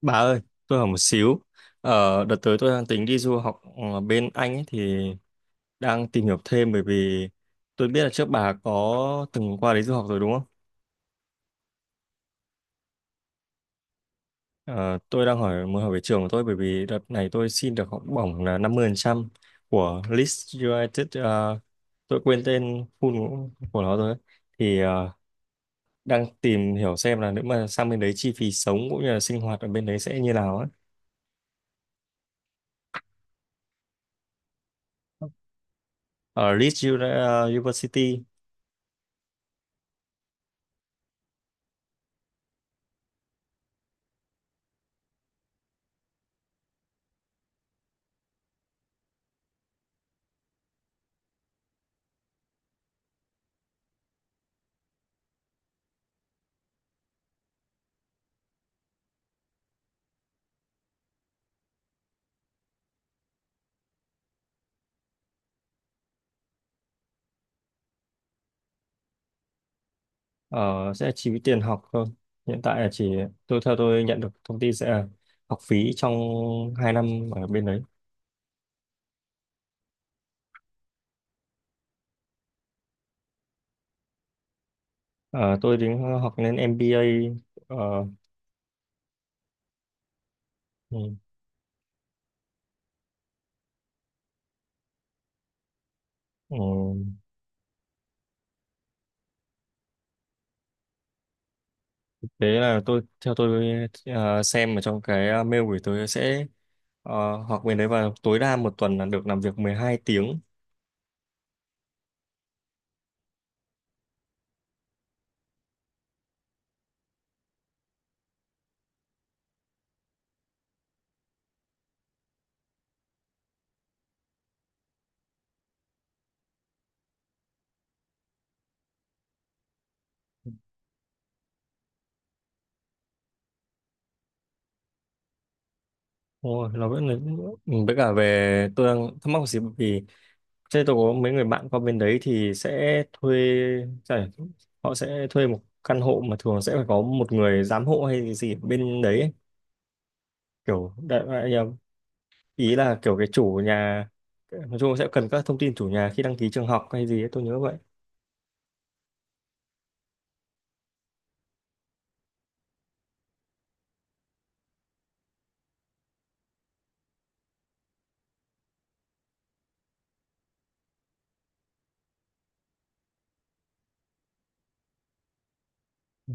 Bà ơi, tôi hỏi một xíu. Ờ, Đợt tới tôi đang tính đi du học ở bên Anh ấy, thì đang tìm hiểu thêm bởi vì tôi biết là trước bà có từng qua đấy du học rồi đúng không? Ờ, tôi đang hỏi Muốn hỏi về trường của tôi bởi vì đợt này tôi xin được học bổng là 50% của Leeds United. Ờ, tôi quên tên full của nó rồi. Ấy. Thì ờ, Đang tìm hiểu xem là nếu mà sang bên đấy chi phí sống cũng như là sinh hoạt ở bên đấy sẽ như nào ấy. Ở University. Ờ, sẽ chi phí tiền học thôi. Hiện tại là chỉ tôi theo Tôi nhận được thông tin sẽ là học phí trong 2 năm ở bên đấy. Ờ, tôi đến học lên MBA. Ờ, ừ, ừ. Đấy là tôi xem ở trong cái mail gửi tôi sẽ học bên đấy và tối đa một tuần là được làm việc 12 tiếng. Ôi, nó vẫn là, ừ, với cả về tôi đang thắc mắc một xíu bởi vì thế tôi có mấy người bạn qua bên đấy thì sẽ giải- họ sẽ thuê một căn hộ mà thường sẽ phải có một người giám hộ hay gì ở bên đấy ấy. Kiểu đại loại là- Ý là kiểu cái chủ nhà, nói chung sẽ cần các thông tin chủ nhà khi đăng ký trường học hay gì ấy, tôi nhớ vậy. Ừ.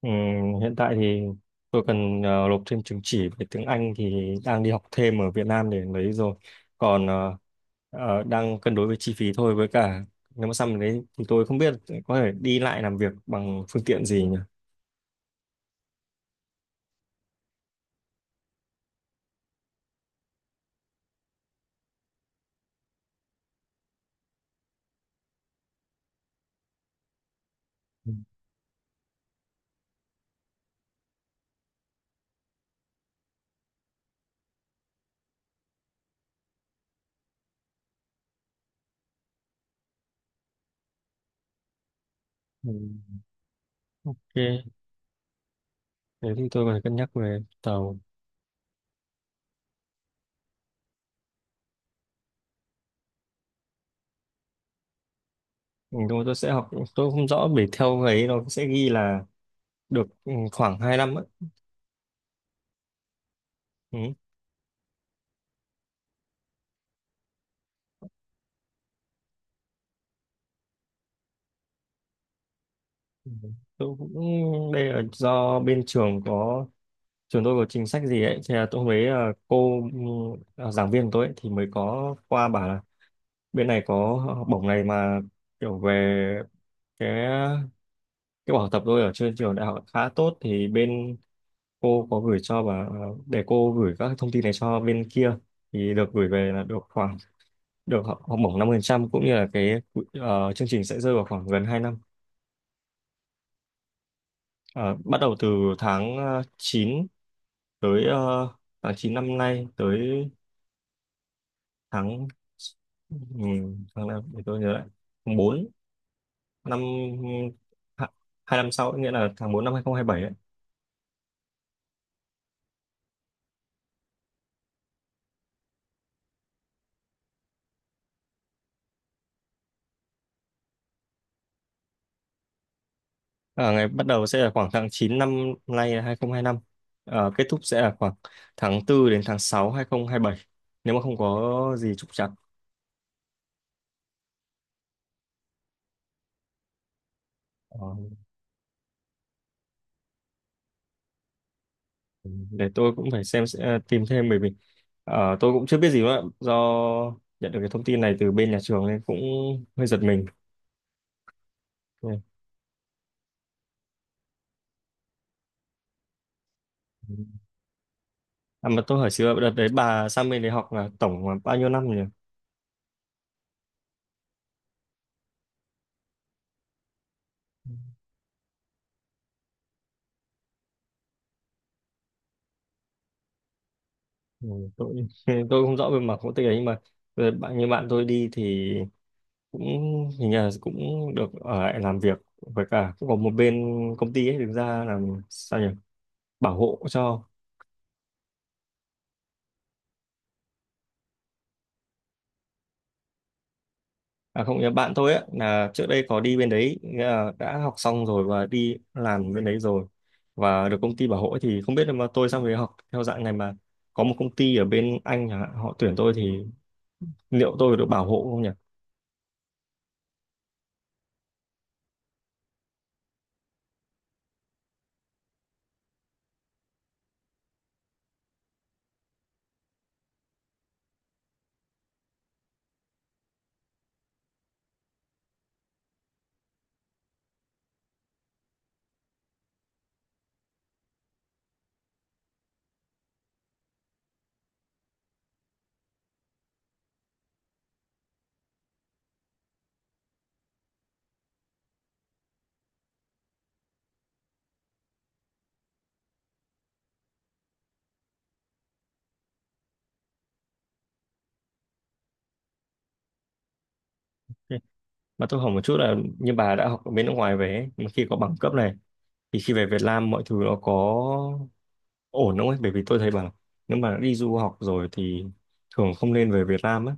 Ừ, hiện tại thì tôi cần nộp thêm chứng chỉ về tiếng Anh thì đang đi học thêm ở Việt Nam để lấy rồi. Còn ờ, Đang cân đối với chi phí thôi với cả nếu mà xong đấy thì tôi không biết có thể đi lại làm việc bằng phương tiện gì nhỉ. Ừ, ừ, Ok, thế thì tôi có thể cân nhắc về tàu. Ừ, nhưng mà tôi sẽ học, tôi không rõ bởi theo ấy nó sẽ ghi là được, khoảng hai năm ấy. Ừ. Ừ. Tôi cũng đây là do bên trường có Trường tôi có chính sách gì ấy thì là tôi hôm đấy giảng viên của tôi ấy, thì mới có qua bảo là bên này có học bổng này mà kiểu về cái cái bảo tập tôi ở trên trường đại học khá tốt thì bên cô có gửi cho bà, để cô gửi các thông tin này cho bên kia thì được gửi về là được khoảng được học học bổng 5% cũng như là cái chương trình sẽ rơi vào khoảng gần 2 năm. Ờ, bắt đầu từ tháng 9 tới tháng 9 năm nay tới tháng ừ, tháng nào để tôi nhớ lại, tháng bốn năm ha- hai năm sau nghĩa là tháng 4 năm 2027 ấy. Ờ, ngày bắt đầu sẽ là khoảng tháng 9 năm nay là 2025. Ờ, kết thúc sẽ là khoảng tháng tư đến tháng 6, bảy, nếu mà không có gì trục trặc. Ờ, để tôi cũng phải xem sẽ tìm thêm bởi vì tôi cũng chưa biết gì nữa do nhận được cái thông tin này từ bên nhà trường nên cũng hơi giật mình. Ừ. À, mà tôi hỏi xíu, đợt đấy bà sang bên đấy học là tổng là bao nhiêu năm nhỉ? Ừ, tôi tôi không rõ về mặt quốc tịch ấy, nhưng mà bạn tôi đi thì cũng hình như là cũng được ở lại làm việc với cả cũng có một bên công ty ấy đứng ra làm sao nhỉ, bảo hộ cho. À không, nhớ bạn tôi ấy là trước đây có đi bên đấy, nghĩa là đã học xong rồi và đi làm bên đấy rồi và được công ty bảo hộ ấy, thì không biết là mà tôi sang đấy học theo dạng này mà có một công ty ở bên Anh chẳng hạn họ tuyển tôi thì liệu tôi được bảo hộ không nhỉ? Ừ. Mà tôi hỏi một chút là như bà đã học ở bên nước ngoài về ấy, mà khi có bằng cấp này thì khi về Việt Nam mọi thứ nó có ổn không ấy? Bởi vì tôi thấy bảo nếu mà đi du học rồi thì thường không nên về Việt Nam ấy.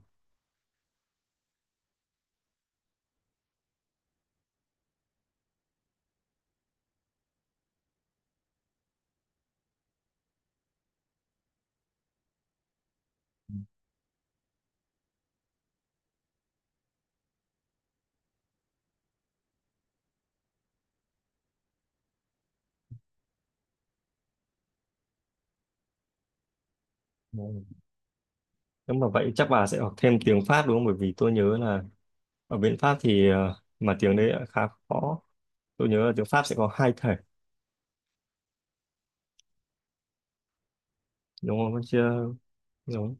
Ừ. Nếu mà vậy chắc bà sẽ học thêm tiếng Pháp đúng không? Bởi vì tôi nhớ là ở bên Pháp thì mà tiếng đấy lại khá khó. Tôi nhớ là tiếng Pháp sẽ có hai thể đúng không? Chưa, giống.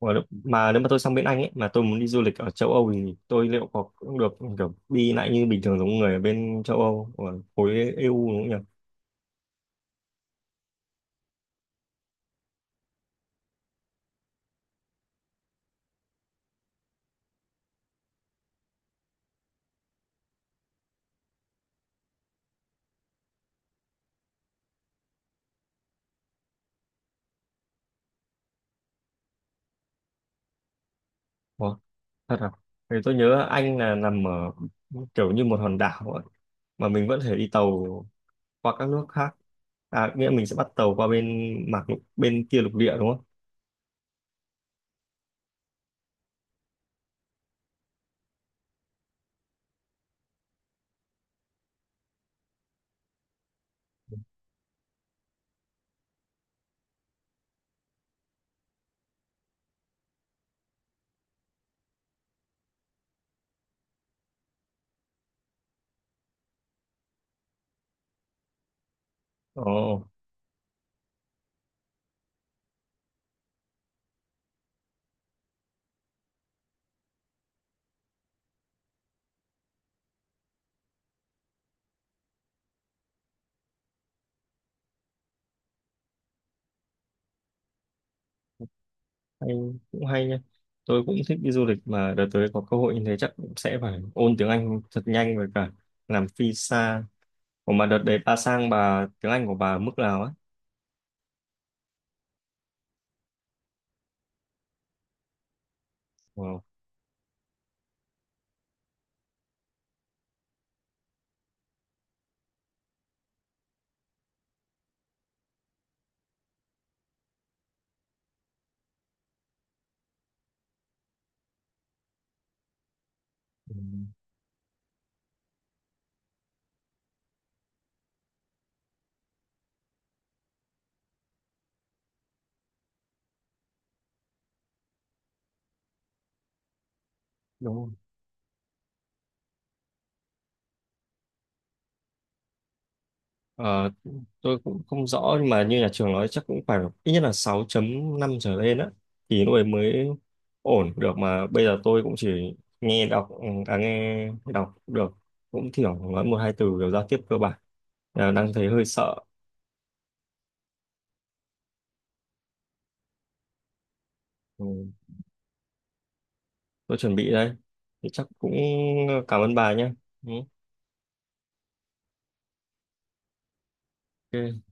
Mà nếu mà tôi sang bên Anh ấy mà tôi muốn đi du lịch ở châu Âu thì tôi liệu có cũng được kiểu đi lại như bình thường giống người ở bên châu Âu ở khối EU đúng không nhỉ? Ủa, thật à? Thì tôi nhớ Anh là nằm ở kiểu như một hòn đảo ấy, mà mình vẫn thể đi tàu qua các nước khác. À, nghĩa mình sẽ bắt tàu qua bên kia lục địa đúng không? Ồ, hay, cũng hay nha. Tôi cũng thích đi du lịch mà đợt tới có cơ hội như thế chắc cũng sẽ phải ôn tiếng Anh thật nhanh với cả làm visa. Ủa mà đợt đấy bà sang bà tiếng Anh của bà ở mức nào ấy? Wow. Ừ, đúng rồi. Ờ, tôi cũng không rõ nhưng mà như nhà trường nói chắc cũng phải ít nhất là sáu chấm năm trở lên á, thì lúc ấy mới ổn được mà bây giờ tôi cũng chỉ nghe đọc được, cũng thiểu nói một hai từ kiểu giao tiếp cơ bản. Là đang thấy hơi sợ. Ừ, tôi chuẩn bị đây thì chắc cũng cảm ơn bà nhé. Ừ, ok.